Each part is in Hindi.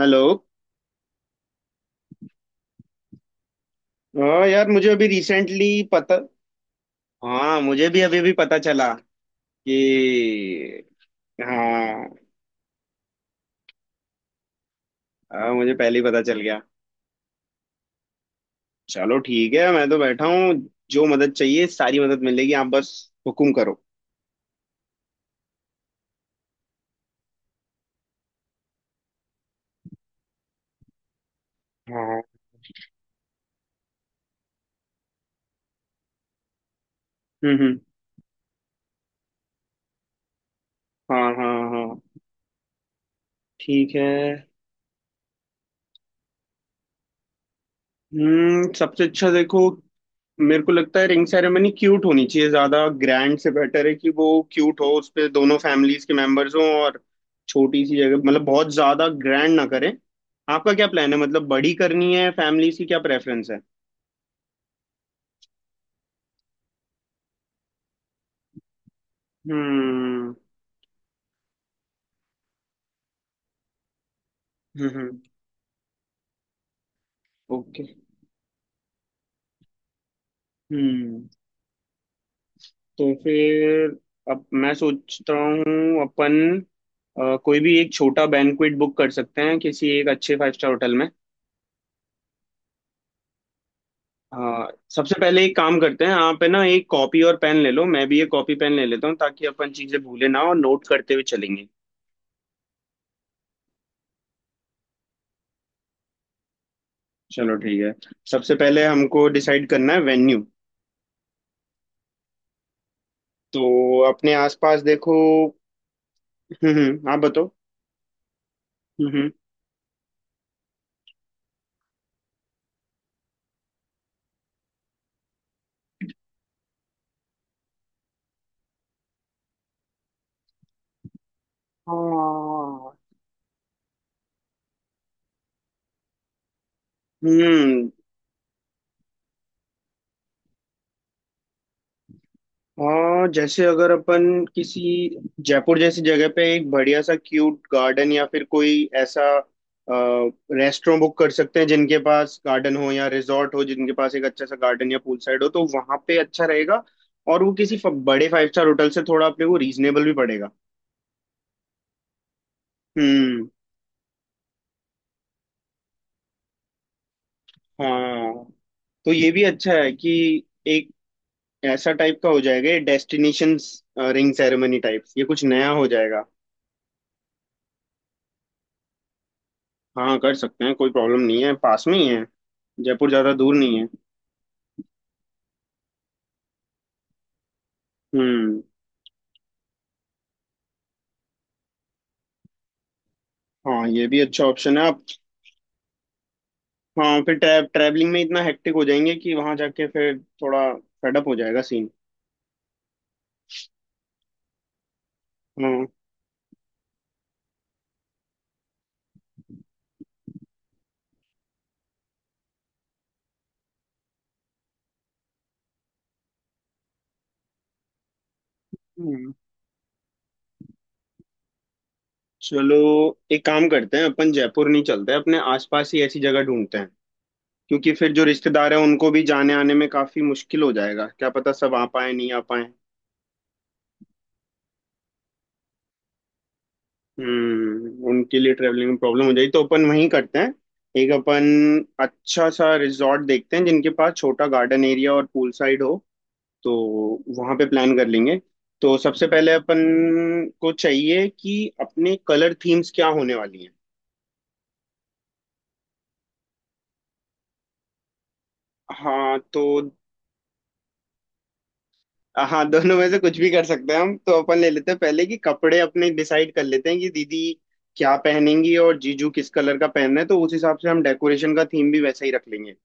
हेलो। हाँ यार, मुझे अभी रिसेंटली पता। हाँ, मुझे भी अभी भी पता चला कि हाँ। हाँ, मुझे पहले ही पता चल गया। चलो ठीक है, मैं तो बैठा हूँ। जो मदद चाहिए सारी मदद मिलेगी, आप बस हुकुम करो। हाँ। हम्म, हम्म। हाँ, हाँ, हाँ। ठीक है। हम्म, सबसे अच्छा देखो, मेरे को लगता है रिंग सेरेमनी क्यूट होनी चाहिए। ज्यादा ग्रैंड से बेटर है कि वो क्यूट हो, उस पे दोनों फैमिलीज के मेंबर्स हों, और छोटी सी जगह, मतलब बहुत ज्यादा ग्रैंड ना करें। आपका क्या प्लान है, मतलब बड़ी करनी है? फैमिलीज की क्या प्रेफरेंस है? हम्म, हम्म। ओके। हम्म। तो फिर अब मैं सोचता हूँ अपन कोई भी एक छोटा बैंक्वेट बुक कर सकते हैं किसी एक अच्छे फाइव स्टार होटल में। हाँ। सबसे पहले एक काम करते हैं, आप है ना एक कॉपी और पेन ले लो, मैं भी एक कॉपी पेन ले लेता हूँ, ताकि अपन चीजें भूले ना और नोट करते हुए चलेंगे। चलो ठीक है। सबसे पहले हमको डिसाइड करना है वेन्यू। तो अपने आसपास देखो। हम्म, आप बताओ। हम्म, हम्म। हाँ। हम्म। हाँ, जैसे अगर अपन किसी जयपुर जैसी जगह पे एक बढ़िया सा क्यूट गार्डन, या फिर कोई ऐसा रेस्टोरेंट बुक कर सकते हैं जिनके पास गार्डन हो या रिजॉर्ट हो, जिनके पास एक अच्छा सा गार्डन या पूल साइड हो, तो वहां पे अच्छा रहेगा। और वो किसी बड़े फाइव स्टार होटल से थोड़ा अपने को रीजनेबल भी पड़ेगा। हम्म। हाँ, तो ये भी अच्छा है कि एक ऐसा टाइप का हो जाएगा, डेस्टिनेशंस रिंग सेरेमनी टाइप, ये कुछ नया हो जाएगा। हाँ, कर सकते हैं, कोई प्रॉब्लम नहीं है, पास में ही है। जयपुर ज़्यादा दूर नहीं है। हम्म। हाँ, ये भी अच्छा ऑप्शन है आप। हाँ, फिर ट्रैवलिंग में इतना हेक्टिक हो जाएंगे कि वहां जाके फिर थोड़ा फेडअप हो जाएगा सीन। हाँ। हम्म। चलो एक काम करते हैं, अपन जयपुर नहीं चलते, अपने आसपास ही ऐसी जगह ढूंढते हैं। क्योंकि फिर जो रिश्तेदार हैं उनको भी जाने आने में काफी मुश्किल हो जाएगा, क्या पता सब आ पाए नहीं आ पाए। हम्म, उनके लिए ट्रेवलिंग में प्रॉब्लम हो जाएगी, तो अपन वहीं करते हैं। एक अपन अच्छा सा रिजॉर्ट देखते हैं जिनके पास छोटा गार्डन एरिया और पूल साइड हो, तो वहां पे प्लान कर लेंगे। तो सबसे पहले अपन को चाहिए कि अपने कलर थीम्स क्या होने वाली हैं। हाँ तो। हाँ, दोनों में से कुछ भी कर सकते हैं हम। तो अपन ले लेते हैं पहले कि कपड़े अपने डिसाइड कर लेते हैं कि दीदी क्या पहनेंगी और जीजू किस कलर का पहनना है, तो उस हिसाब से हम डेकोरेशन का थीम भी वैसा ही रख लेंगे।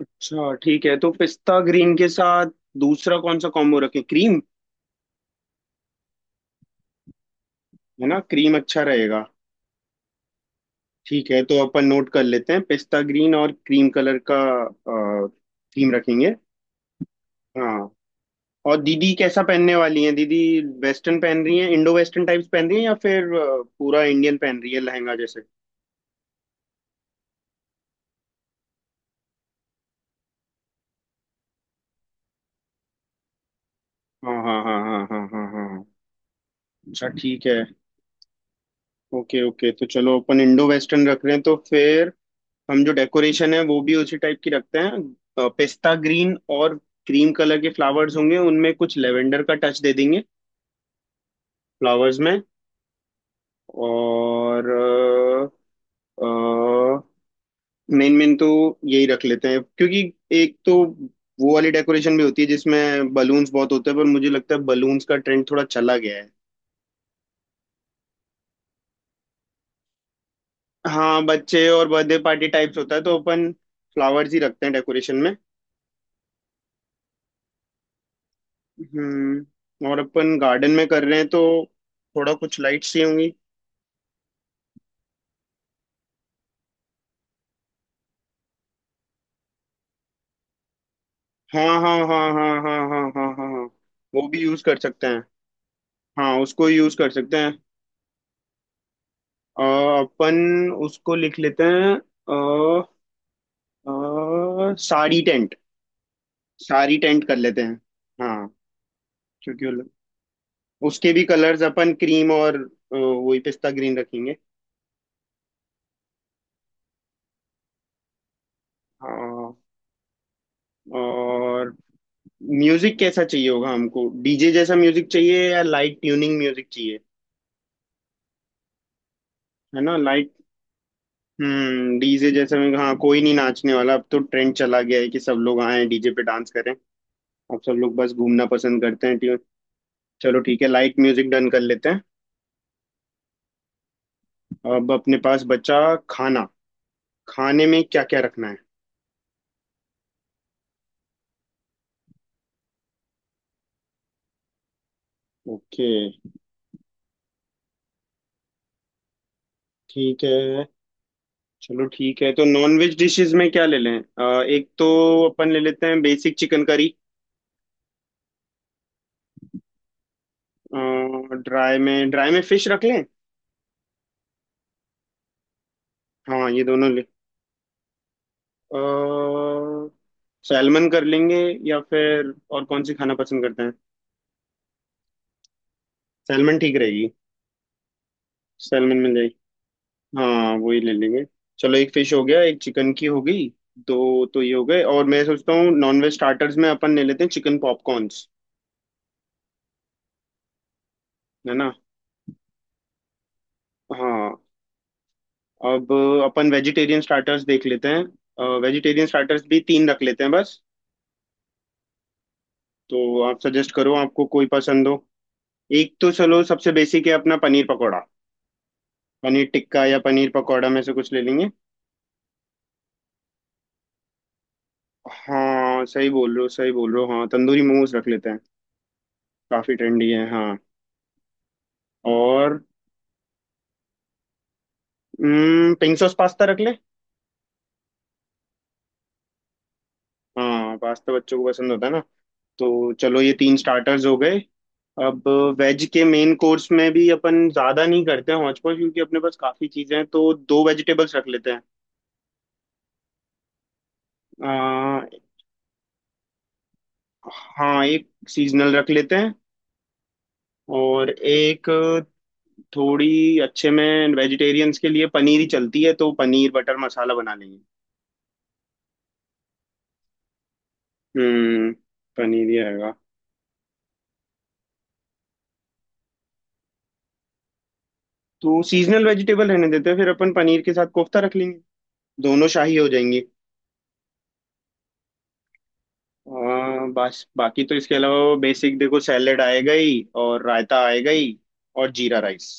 अच्छा ठीक है, तो पिस्ता ग्रीन के साथ दूसरा कौन सा कॉम्बो रखें? क्रीम, है ना? क्रीम अच्छा रहेगा। ठीक है, तो अपन नोट कर लेते हैं, पिस्ता ग्रीन और क्रीम कलर का थीम रखेंगे। हाँ। और दीदी कैसा पहनने वाली हैं? दीदी वेस्टर्न पहन रही हैं, इंडो वेस्टर्न टाइप्स पहन रही हैं, या फिर पूरा इंडियन पहन रही है लहंगा जैसे? हाँ, हाँ, हाँ, हाँ, हाँ, हाँ, हाँ। अच्छा ठीक है। ओके, ओके, तो चलो अपन इंडो वेस्टर्न रख रहे हैं, तो फिर हम जो डेकोरेशन है वो भी उसी टाइप की रखते हैं। पिस्ता ग्रीन और क्रीम कलर के फ्लावर्स होंगे, उनमें कुछ लेवेंडर का टच दे देंगे, फ्लावर्स में। और मेन मेन तो यही रख लेते हैं, क्योंकि एक तो वो वाली डेकोरेशन भी होती है जिसमें बलून्स बहुत होते हैं, पर मुझे लगता है बलून्स का ट्रेंड थोड़ा चला गया है। हाँ, बच्चे और बर्थडे पार्टी टाइप्स होता है, तो अपन फ्लावर्स ही रखते हैं डेकोरेशन में। हम्म, और अपन गार्डन में कर रहे हैं, तो थोड़ा कुछ लाइट्स चाहिए। हाँ, हाँ, हाँ, हाँ, हाँ, हाँ, हाँ, हाँ, हाँ, हाँ, हाँ। वो भी यूज कर सकते हैं। हाँ, उसको यूज कर सकते हैं। अ, अपन उसको लिख लेते हैं। अ, साड़ी टेंट। साड़ी टेंट कर लेते हैं। हाँ। क्योंकि उसके भी कलर्स अपन क्रीम और वही पिस्ता ग्रीन रखेंगे। हाँ। और म्यूजिक कैसा चाहिए होगा हमको? डीजे जैसा म्यूजिक चाहिए या लाइट ट्यूनिंग म्यूजिक चाहिए? है ना, लाइट। हम्म, डीजे जैसे मैं, हाँ, कोई नहीं नाचने वाला अब, तो ट्रेंड चला गया है कि सब लोग आए डीजे पे डांस करें। अब सब लोग बस घूमना पसंद करते हैं चलो ठीक है, लाइट म्यूजिक डन कर लेते हैं। अब अपने पास बचा खाना। खाने में क्या क्या रखना है? ओके। ठीक है। चलो ठीक है, तो नॉन वेज डिशेस में क्या ले लें? एक तो अपन ले लेते हैं बेसिक चिकन करी। ड्राई में फिश रख लें। हाँ, ये दोनों ले, अ, सैलमन कर लेंगे। या फिर और कौन सी खाना पसंद करते हैं? सैलमन ठीक रहेगी। सैलमन मिल जाएगी। हाँ, वही ले लेंगे। चलो, एक फिश हो गया, एक चिकन की हो गई, दो तो ये हो गए। और मैं सोचता हूँ नॉनवेज स्टार्टर्स में अपन ले लेते हैं चिकन पॉपकॉर्न्स। है ना। हाँ। अब अपन वेजिटेरियन स्टार्टर्स देख लेते हैं, वेजिटेरियन स्टार्टर्स भी तीन रख लेते हैं बस। तो आप सजेस्ट करो, आपको कोई पसंद हो। एक तो चलो, सबसे बेसिक है अपना पनीर पकौड़ा। पनीर टिक्का या पनीर पकौड़ा में से कुछ ले लेंगे। हाँ, सही बोल रहे हो, सही बोल रहे हो। हाँ, तंदूरी मोमोज रख लेते हैं। काफी ट्रेंडी है, हाँ। और पिंक सॉस पास्ता रख ले। हाँ, पास्ता बच्चों को पसंद होता है ना। तो चलो, ये तीन स्टार्टर्स हो गए। अब वेज के मेन कोर्स में भी अपन ज्यादा नहीं करते हैं हॉच पॉच, क्योंकि अपने पास काफी चीजें हैं, तो दो वेजिटेबल्स रख लेते हैं। आ, हाँ, एक सीजनल रख लेते हैं। और एक थोड़ी अच्छे में वेजिटेरियंस के लिए पनीर ही चलती है, तो पनीर बटर मसाला बना लेंगे। हम्म, पनीर ही रहेगा। तो सीजनल वेजिटेबल रहने देते हैं, फिर अपन पनीर के साथ कोफ्ता रख लेंगे, दोनों शाही हो जाएंगी। बस बाकी तो इसके अलावा बेसिक देखो, सैलेड आएगा ही और रायता आएगा ही और जीरा राइस।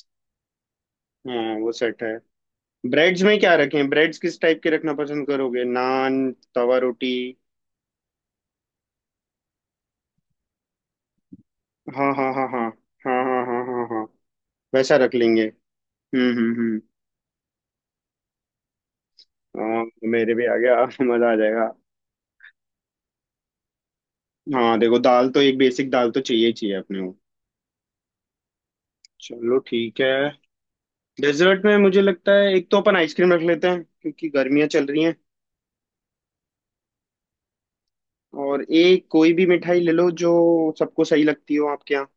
हाँ, वो सेट है। ब्रेड्स में क्या रखें? ब्रेड्स किस टाइप के रखना पसंद करोगे, नान, तवा रोटी? हाँ, हाँ, हाँ, हाँ, हाँ, हाँ, हाँ, हाँ, हाँ, वैसा रख लेंगे। हम्म, हम्म, हम्म। हाँ, मेरे भी आ गया मजा आ जाएगा। हाँ देखो, दाल तो एक बेसिक दाल तो चाहिए ही चाहिए अपने को। चलो ठीक है। डेजर्ट में मुझे लगता है एक तो अपन आइसक्रीम रख लेते हैं, क्योंकि गर्मियाँ चल रही हैं। और एक कोई भी मिठाई ले लो जो सबको सही लगती हो आपके यहाँ।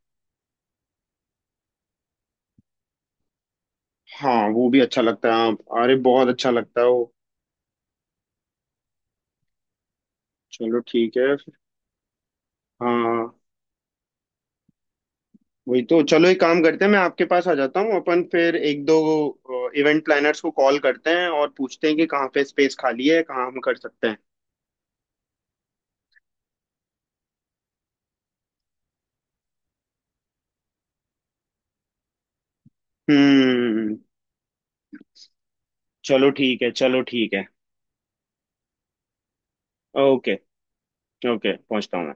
हाँ, वो भी अच्छा लगता है, हाँ। अरे, बहुत अच्छा लगता है वो। चलो ठीक है फिर। हाँ वही तो। चलो एक काम करते हैं, मैं आपके पास आ जाता हूँ। अपन फिर एक दो इवेंट प्लानर्स को कॉल करते हैं और पूछते हैं कि कहाँ पे स्पेस खाली है, कहाँ हम कर सकते हैं। हम्म। चलो ठीक है, चलो ठीक है। ओके। ओके, पहुँचता हूँ मैं।